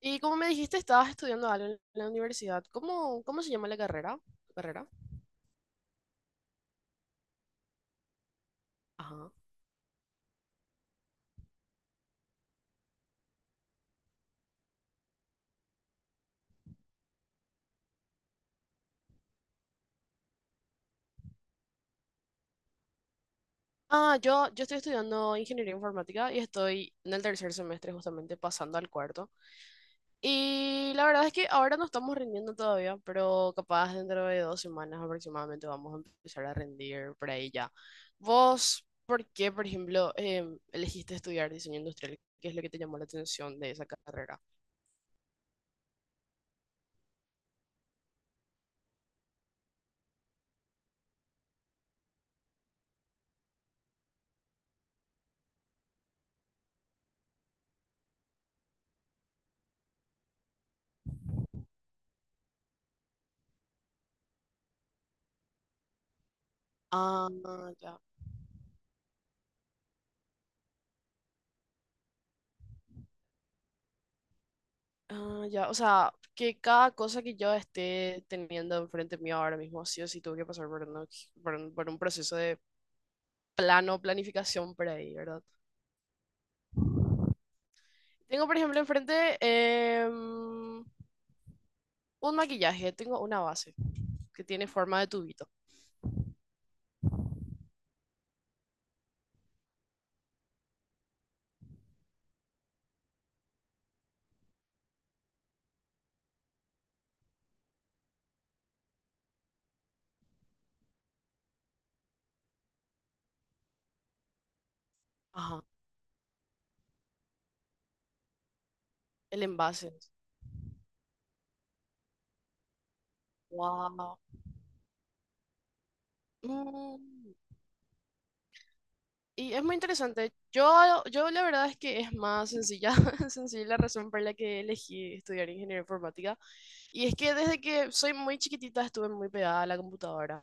Y como me dijiste, estabas estudiando algo en la universidad. ¿Cómo se llama la carrera? ¿Carrera? Ajá. Ah, yo estoy estudiando ingeniería informática y estoy en el tercer semestre, justamente pasando al cuarto. Y la verdad es que ahora no estamos rindiendo todavía, pero capaz dentro de 2 semanas aproximadamente vamos a empezar a rendir por ahí ya. ¿Vos por qué, por ejemplo, elegiste estudiar diseño industrial? ¿Qué es lo que te llamó la atención de esa carrera? Ah, ya. Ah, ya, o sea, que cada cosa que yo esté teniendo enfrente mío ahora mismo, sí o sí tuve que pasar por un proceso de planificación por ahí, ¿verdad? Tengo, por ejemplo, enfrente un maquillaje, tengo una base que tiene forma de tubito. Ajá, el envase. Wow. Y es muy interesante. Yo la verdad es que es más sencilla, sencilla la razón por la que elegí estudiar ingeniería informática. Y es que desde que soy muy chiquitita estuve muy pegada a la computadora.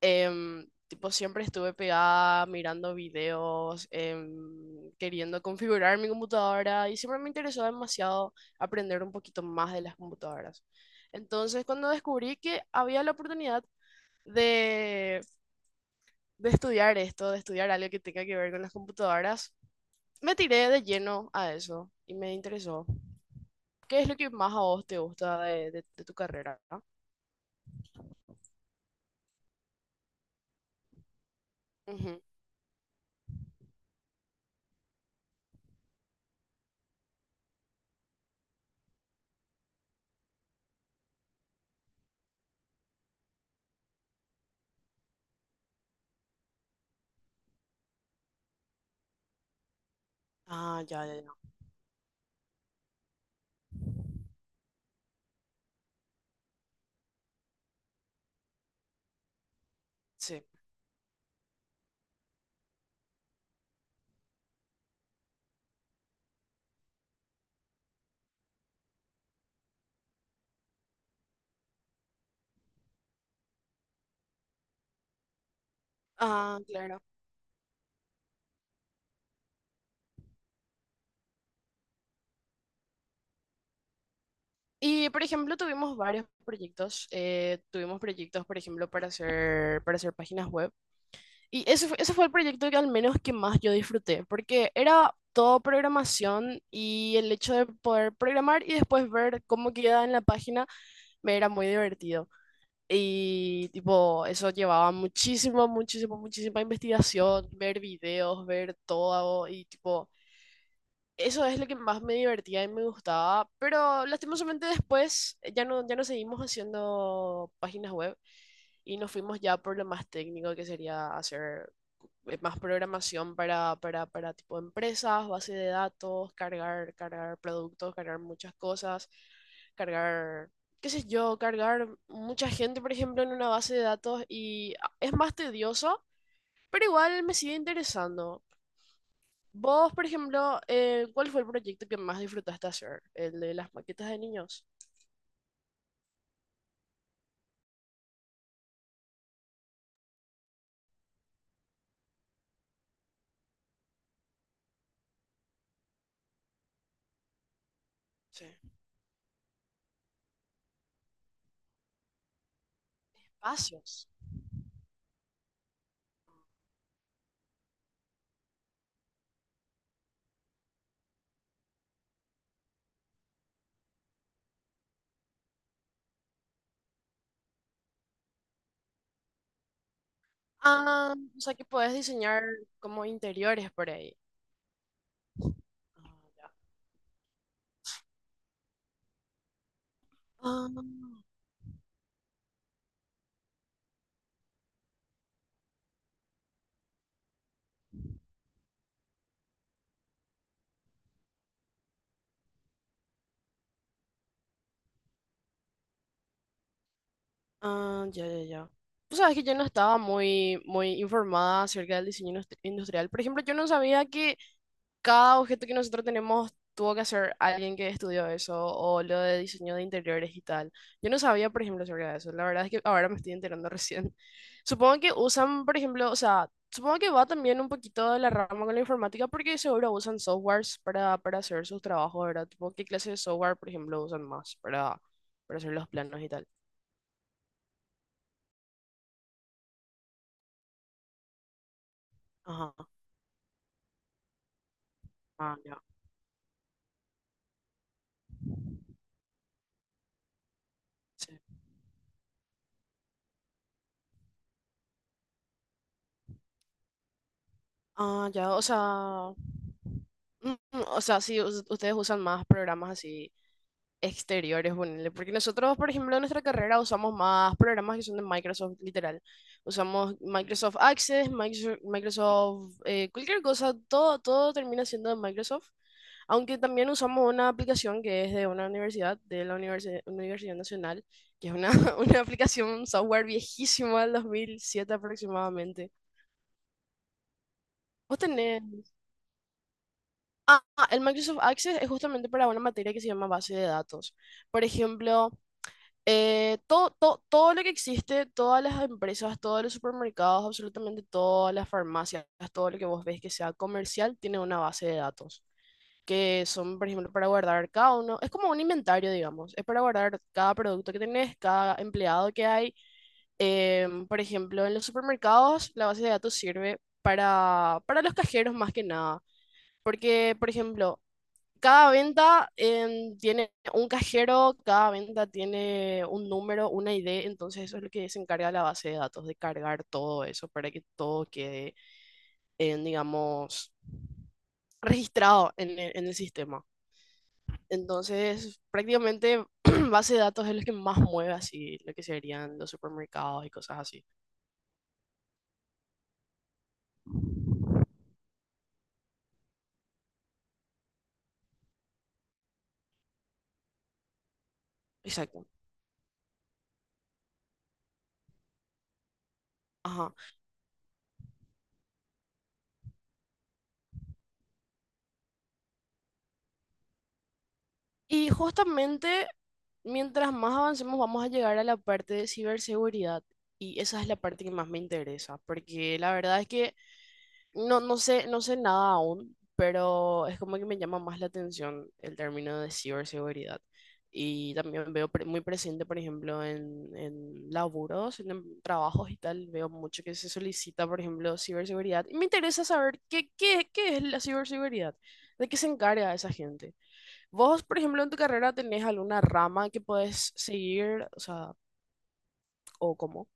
Tipo, siempre estuve pegada mirando videos, queriendo configurar mi computadora y siempre me interesó demasiado aprender un poquito más de las computadoras. Entonces, cuando descubrí que había la oportunidad de de estudiar esto, de estudiar algo que tenga que ver con las computadoras, me tiré de lleno a eso y me interesó. ¿Qué es lo que más a vos te gusta de tu carrera, ¿no? Ujú. Ah, ya, ya, ya. Sí. Ah, claro. Y, por ejemplo, tuvimos varios proyectos. Tuvimos proyectos, por ejemplo, para hacer páginas web. Y ese fue el proyecto que al menos que más yo disfruté, porque era todo programación y el hecho de poder programar y después ver cómo queda en la página me era muy divertido. Y tipo, eso llevaba muchísimo, muchísimo, muchísima investigación, ver videos, ver todo y tipo, eso es lo que más me divertía y me gustaba, pero lastimosamente después ya no seguimos haciendo páginas web y nos fuimos ya por lo más técnico que sería hacer más programación para tipo empresas, base de datos, cargar productos, cargar muchas cosas, cargar, qué sé yo, cargar mucha gente, por ejemplo, en una base de datos y ah, es más tedioso, pero igual me sigue interesando. Vos, por ejemplo, ¿cuál fue el proyecto que más disfrutaste hacer? ¿El de las maquetas de niños? Sí. Espacios. Ah, o sea que podés diseñar como interiores por ahí. Ah, ya. Ah, ah, ya, ya, ya. Tú sabes que yo no estaba muy, muy informada acerca del diseño industrial. Por ejemplo, yo no sabía que cada objeto que nosotros tenemos tuvo que hacer alguien que estudió eso o lo de diseño de interiores y tal. Yo no sabía, por ejemplo, sobre eso. La verdad es que ahora me estoy enterando recién. Supongo que usan, por ejemplo, o sea, supongo que va también un poquito de la rama con la informática porque seguro usan softwares para hacer sus trabajos, ¿verdad? Tipo, ¿qué clase de software, por ejemplo, usan más para hacer los planos y tal? Ajá, ah, ya. Sí. Ah, ya, o sea, o sea, sí, ustedes usan más programas así exteriores, ponele. Porque nosotros, por ejemplo, en nuestra carrera usamos más programas que son de Microsoft, literal. Usamos Microsoft Access, Microsoft, cualquier cosa, todo, todo termina siendo de Microsoft. Aunque también usamos una aplicación que es de una universidad, de la Universidad Nacional, que es una, una aplicación, un software viejísimo del 2007 aproximadamente. Vos tenés... Ah, ah, el Microsoft Access es justamente para una materia que se llama base de datos. Por ejemplo, eh, todo, todo, todo lo que existe, todas las empresas, todos los supermercados, absolutamente todas las farmacias, todo lo que vos ves que sea comercial, tiene una base de datos, que son, por ejemplo, para guardar cada uno, es como un inventario, digamos, es para guardar cada producto que tenés, cada empleado que hay. Por ejemplo, en los supermercados, la base de datos sirve para los cajeros más que nada, porque, por ejemplo, cada venta tiene un cajero, cada venta tiene un número, una ID, entonces eso es lo que se encarga la base de datos, de cargar todo eso para que todo quede, en, digamos, registrado en el sistema. Entonces, prácticamente base de datos es lo que más mueve así, lo que serían los supermercados y cosas así. Exacto. Ajá. Y justamente, mientras más avancemos, vamos a llegar a la parte de ciberseguridad. Y esa es la parte que más me interesa, porque la verdad es que no, no sé, no sé nada aún, pero es como que me llama más la atención el término de ciberseguridad. Y también veo muy presente, por ejemplo, en laburos, trabajos y tal, veo mucho que se solicita, por ejemplo, ciberseguridad. Y me interesa saber qué es la ciberseguridad, de qué se encarga esa gente. Vos, por ejemplo, en tu carrera tenés alguna rama que podés seguir, o sea, o cómo.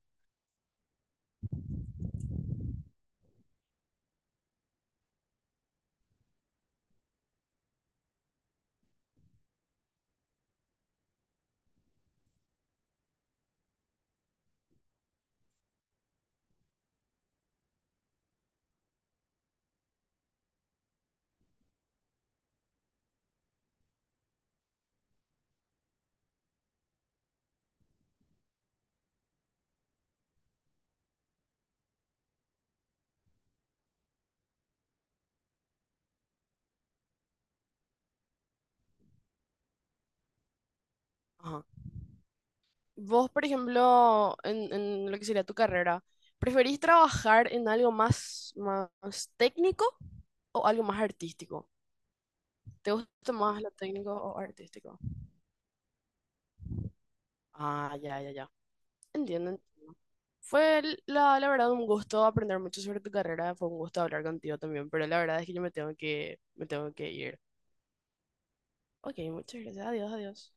Ajá. Vos, por ejemplo, en lo que sería tu carrera, ¿preferís trabajar en algo más, más técnico o algo más artístico? ¿Te gusta más lo técnico o artístico? Ah, ya, ya, ya. Entiendo. Entiendo. Fue la verdad un gusto aprender mucho sobre tu carrera, fue un gusto hablar contigo también, pero la verdad es que yo me tengo que ir. Ok, muchas gracias, adiós, adiós.